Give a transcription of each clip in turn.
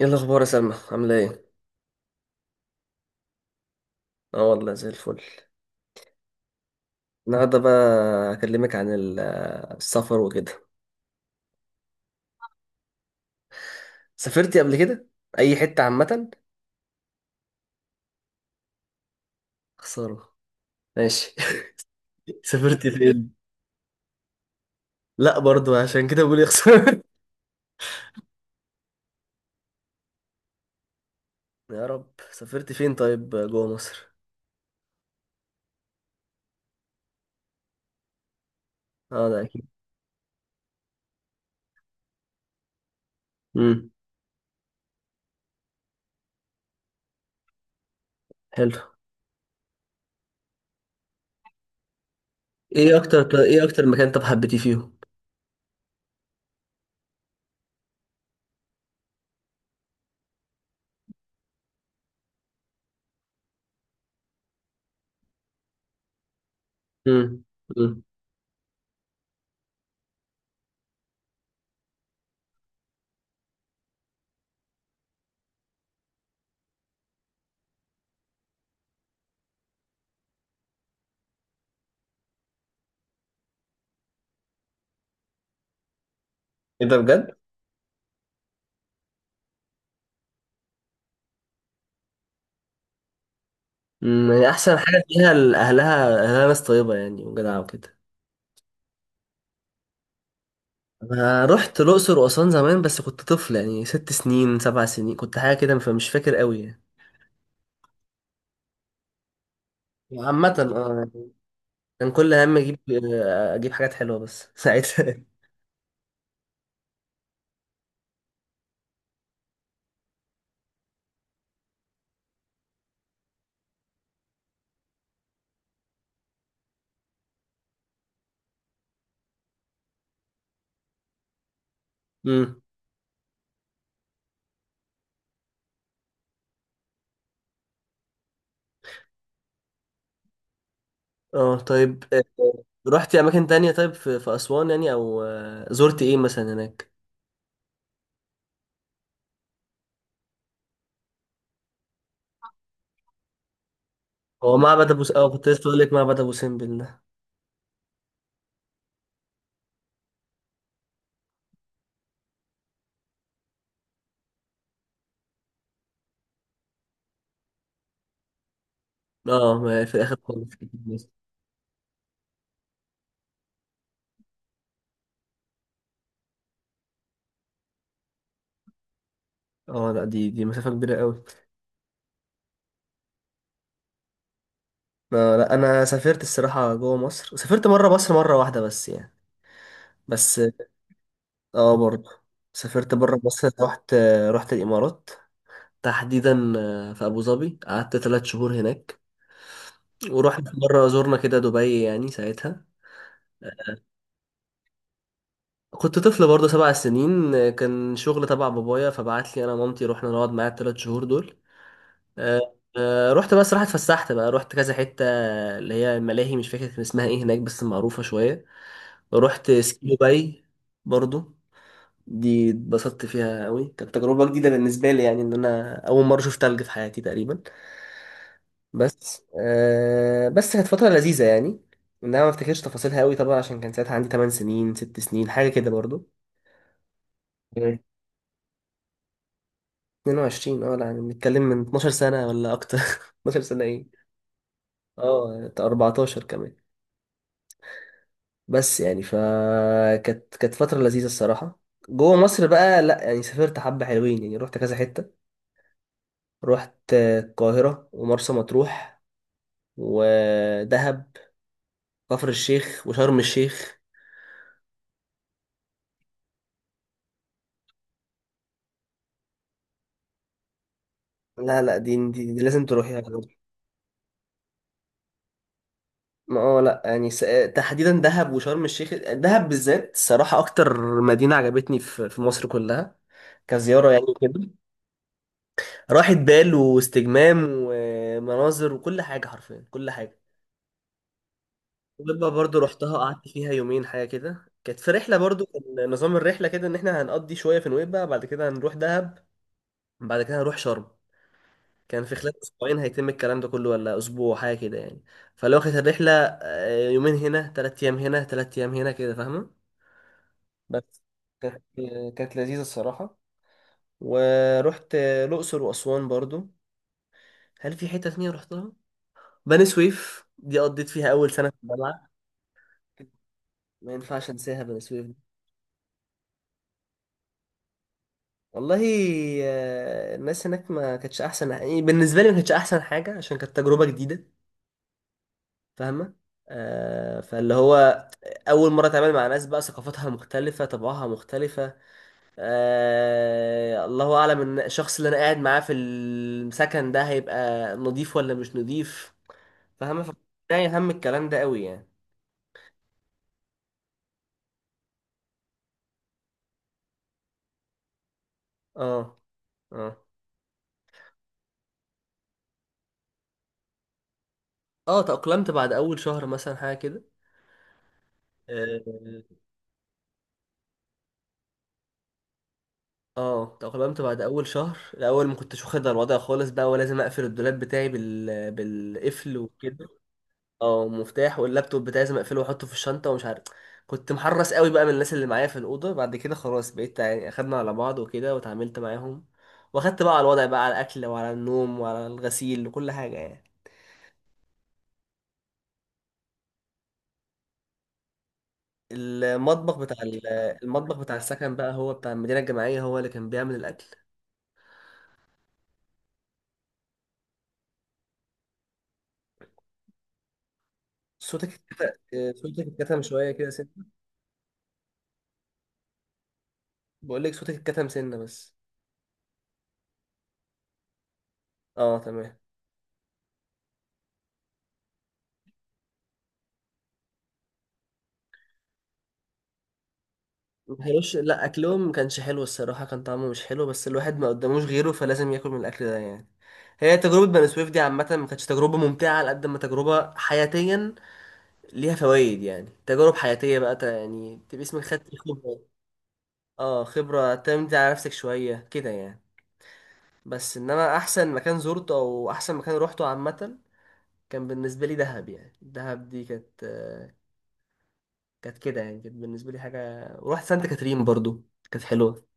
ايه الاخبار يا سلمى، عامله ايه؟ اه والله زي الفل. النهارده بقى اكلمك عن السفر وكده. سافرتي قبل كده اي حته عامه؟ خساره. ماشي. سافرتي فين؟ لا، برضو عشان كده بقول يا خساره. يا رب. سافرتي فين طيب جوه مصر؟ اه، ده اكيد. امم. حلو. ايه اكتر مكان طب حبيتي فيهم؟ امم. امم. ايه ده بجد؟ امم. يعني احسن حاجه فيها اهلها، ناس طيبه يعني وجدعه وكده. انا رحت الاقصر واسوان زمان بس كنت طفل، يعني 6 سنين 7 سنين كنت، حاجه كده، فمش فاكر قوي يعني. عامه اه. كان كل هم اجيب حاجات حلوه بس ساعتها. امم. اه طيب. رحتي اماكن تانية طيب في اسوان يعني، او زرت ايه مثلا هناك؟ هو معبد ابو س- اه كنت لسه بقول لك معبد ابو سمبل ده. اه، ما في الاخر خالص. اه لا، دي مسافه كبيره قوي. لا، انا سافرت الصراحه جوه مصر، سافرت مره مصر مره واحده بس يعني. بس. اه، برضه سافرت بره مصر، رحت. رحت الامارات. تحديدا في ابو ظبي، قعدت 3 شهور هناك. ورحنا في مره زرنا كده دبي يعني ساعتها. كنت طفل برضه، 7 سنين، كان شغل تبع بابايا فبعت لي انا ومامتي، رحنا نقعد معاه الثلاث شهور دول. آه، رحت بقى، صراحه اتفسحت بقى، رحت كذا حته، اللي هي الملاهي، مش فاكر كان اسمها ايه هناك بس معروفه شويه. رحت سكي دبي برضه. دي اتبسطت فيها قوي، كانت تجربة جديدة بالنسبة لي، يعني ان انا اول مرة اشوف تلج في حياتي تقريبا. بس كانت فترة لذيذة، يعني ان انا ما افتكرش تفاصيلها قوي طبعا، عشان كان ساعتها عندي 8 سنين 6 سنين حاجة كده برضو. مم. 22 اه، لا يعني بنتكلم من 12 سنة ولا أكتر. 12 سنة إيه؟ اه، 14 كمان. بس يعني فكانت كانت فترة لذيذة الصراحة. جوه مصر بقى، لا يعني سافرت حبة حلوين يعني، رحت كذا حتة. رحت القاهرة ومرسى مطروح، ودهب، كفر الشيخ وشرم الشيخ. لا لا، دي لازم تروحيها برضه. ما اه لا يعني تحديدا دهب وشرم الشيخ، دهب بالذات الصراحة أكتر مدينة عجبتني في مصر كلها، كزيارة يعني كده. راحة بال واستجمام ومناظر وكل حاجة، حرفيا كل حاجة. وببقى برضو رحتها، قعدت فيها يومين حاجة كده، كانت في رحلة برضو، كان نظام الرحلة كده، إن إحنا هنقضي شوية في نويبع، بعد كده هنروح دهب، بعد كده هنروح شرم. كان في خلال اسبوعين هيتم الكلام ده كله، ولا اسبوع حاجه كده يعني. فلو كانت الرحله يومين هنا، 3 ايام هنا، 3 ايام هنا كده، فاهمه. بس. كانت كانت لذيذه الصراحه. ورحت الاقصر واسوان برضو. هل في حته تانية رحتها؟ بني سويف، دي قضيت فيها اول سنه في الجامعه. ما ينفعش انساها بني سويف دي. والله الناس هناك ما كانتش احسن، يعني بالنسبه لي ما كانتش احسن حاجه، عشان كانت تجربه جديده. فاهمة؟ فاللي هو أول مرة أتعامل مع ناس بقى ثقافتها مختلفة، طبعها مختلفة. الله أعلم إن الشخص اللي أنا قاعد معاه في السكن ده هيبقى نضيف ولا مش نضيف. فاهمة؟ فده يهم الكلام ده قوي يعني. اه. اه. اه، تأقلمت بعد أول شهر مثلا حاجة كده. اه. تأقلمت بعد أول شهر، الأول ما كنتش واخد على الوضع خالص بقى، ولازم أقفل الدولاب بتاعي بالقفل وكده. اه، مفتاح. واللابتوب بتاعي لازم اقفله واحطه في الشنطه، ومش عارف، كنت محرص قوي بقى من الناس اللي معايا في الاوضه. بعد كده خلاص بقيت يعني، اخدنا على بعض وكده، وتعاملت معاهم، واخدت بقى على الوضع، بقى على الاكل وعلى النوم وعلى الغسيل وكل حاجه يعني. المطبخ بتاع ال- المطبخ بتاع السكن بقى، هو بتاع المدينه الجامعيه، هو اللي كان بيعمل الاكل. صوتك اتكتم. صوتك اتكتم شويه كده سنه. بقول لك صوتك اتكتم سنه بس. اه، تمام. ما كانوش، لا اكلهم ما كانش حلو الصراحه، كان طعمه مش حلو، بس الواحد ما قداموش غيره، فلازم ياكل من الاكل ده يعني. هي تجربه بني سويف دي عامه ما كانتش تجربه ممتعه، على قد ما تجربه حياتيا، ليها فوائد، يعني تجارب حياتيه بقى، يعني تبقى اسمك خدت خبره. اه، خبره تعتمد على نفسك شويه كده يعني. بس انما احسن مكان زرته، او احسن مكان روحته عامه، كان بالنسبه لي دهب يعني. دهب دي كانت كانت كده يعني، كانت بالنسبه لي حاجه. ورحت سانت كاترين برضو، كانت حلوه.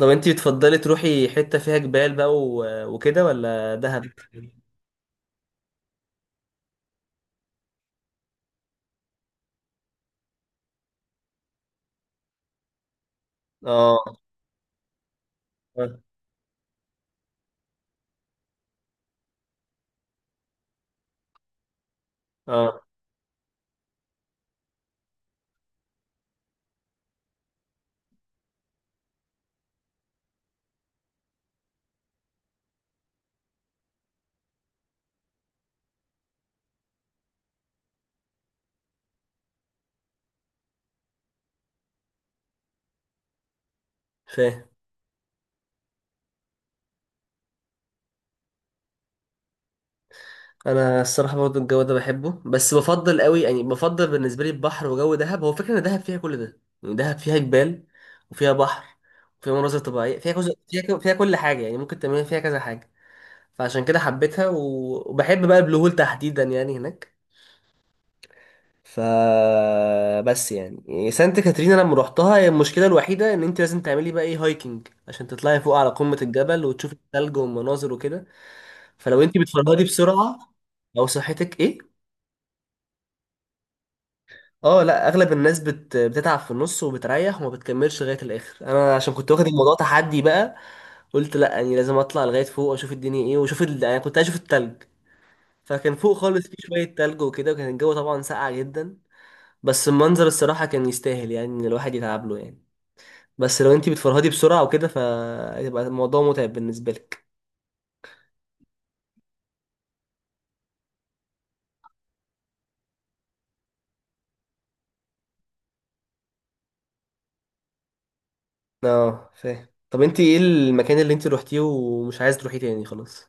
طب انتي بتفضلي تروحي حتة فيها جبال بقى وكده، ولا دهب؟ اه. اه. اه، فاهم. انا الصراحة برضه الجو ده بحبه، بس بفضل قوي يعني، بفضل بالنسبة لي البحر وجو دهب، هو فكرة ان دهب فيها كل ده، يعني دهب فيها جبال، وفيها بحر، وفيها مناظر طبيعية، فيها كذا، فيها كل حاجة يعني، ممكن تعملي فيها كذا حاجة. فعشان كده حبيتها وبحب بقى البلو هول تحديدا يعني هناك. ف بس يعني سانت كاترين انا لما روحتها، هي المشكله الوحيده ان انت لازم تعملي بقى ايه، هايكنج، عشان تطلعي فوق على قمه الجبل وتشوفي الثلج والمناظر وكده. فلو انت بتفرهدي بسرعه، او صحتك ايه. اه لا، اغلب الناس بتتعب في النص وبتريح وما بتكملش لغايه الاخر. انا عشان كنت واخد الموضوع تحدي بقى، قلت لا يعني لازم اطلع لغايه فوق واشوف الدنيا ايه واشوف يعني كنت عايز اشوف الثلج. فكان فوق خالص في شويه ثلج وكده، وكان الجو طبعا ساقع جدا، بس المنظر الصراحه كان يستاهل يعني، ان الواحد يتعب له يعني. بس لو انتي بتفرهدي بسرعة وكده، فهيبقى الموضوع متعب بالنسبة لك. اه، فاهم. طب انتي ايه المكان اللي انتي روحتيه ومش عايز تروحيه تاني خلاص؟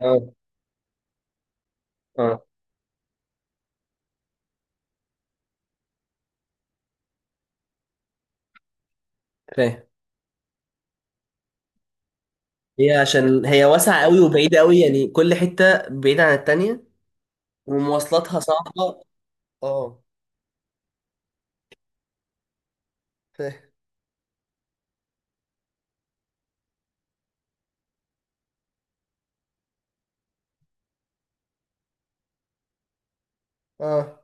اه. اه، فاهم. هي عشان هي واسعة قوي وبعيدة قوي، يعني كل حتة بعيدة عن التانية، ومواصلاتها صعبة. اه، فاهم. اه،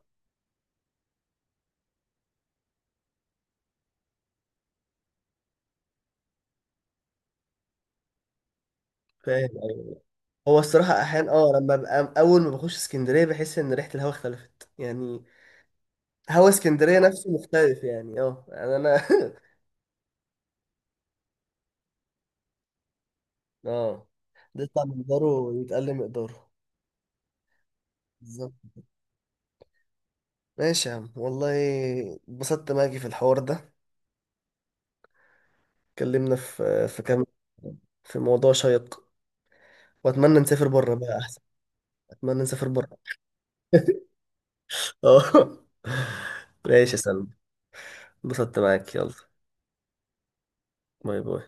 فاهم. ايوه. هو الصراحة أحيانا، لما ببقى أول ما بخش اسكندرية، بحس إن ريحة الهوا اختلفت يعني. هوا اسكندرية نفسه مختلف يعني. اه يعني أنا. اه، ده يطلع مقداره يتقل مقداره. بالظبط. ماشي يا عم، والله اتبسطت معاكي في الحوار ده. اتكلمنا في كام في موضوع شيق، واتمنى نسافر بره بقى احسن. اتمنى نسافر بره. اه. ماشي يا سلمى، اتبسطت معاك. يلا، باي باي.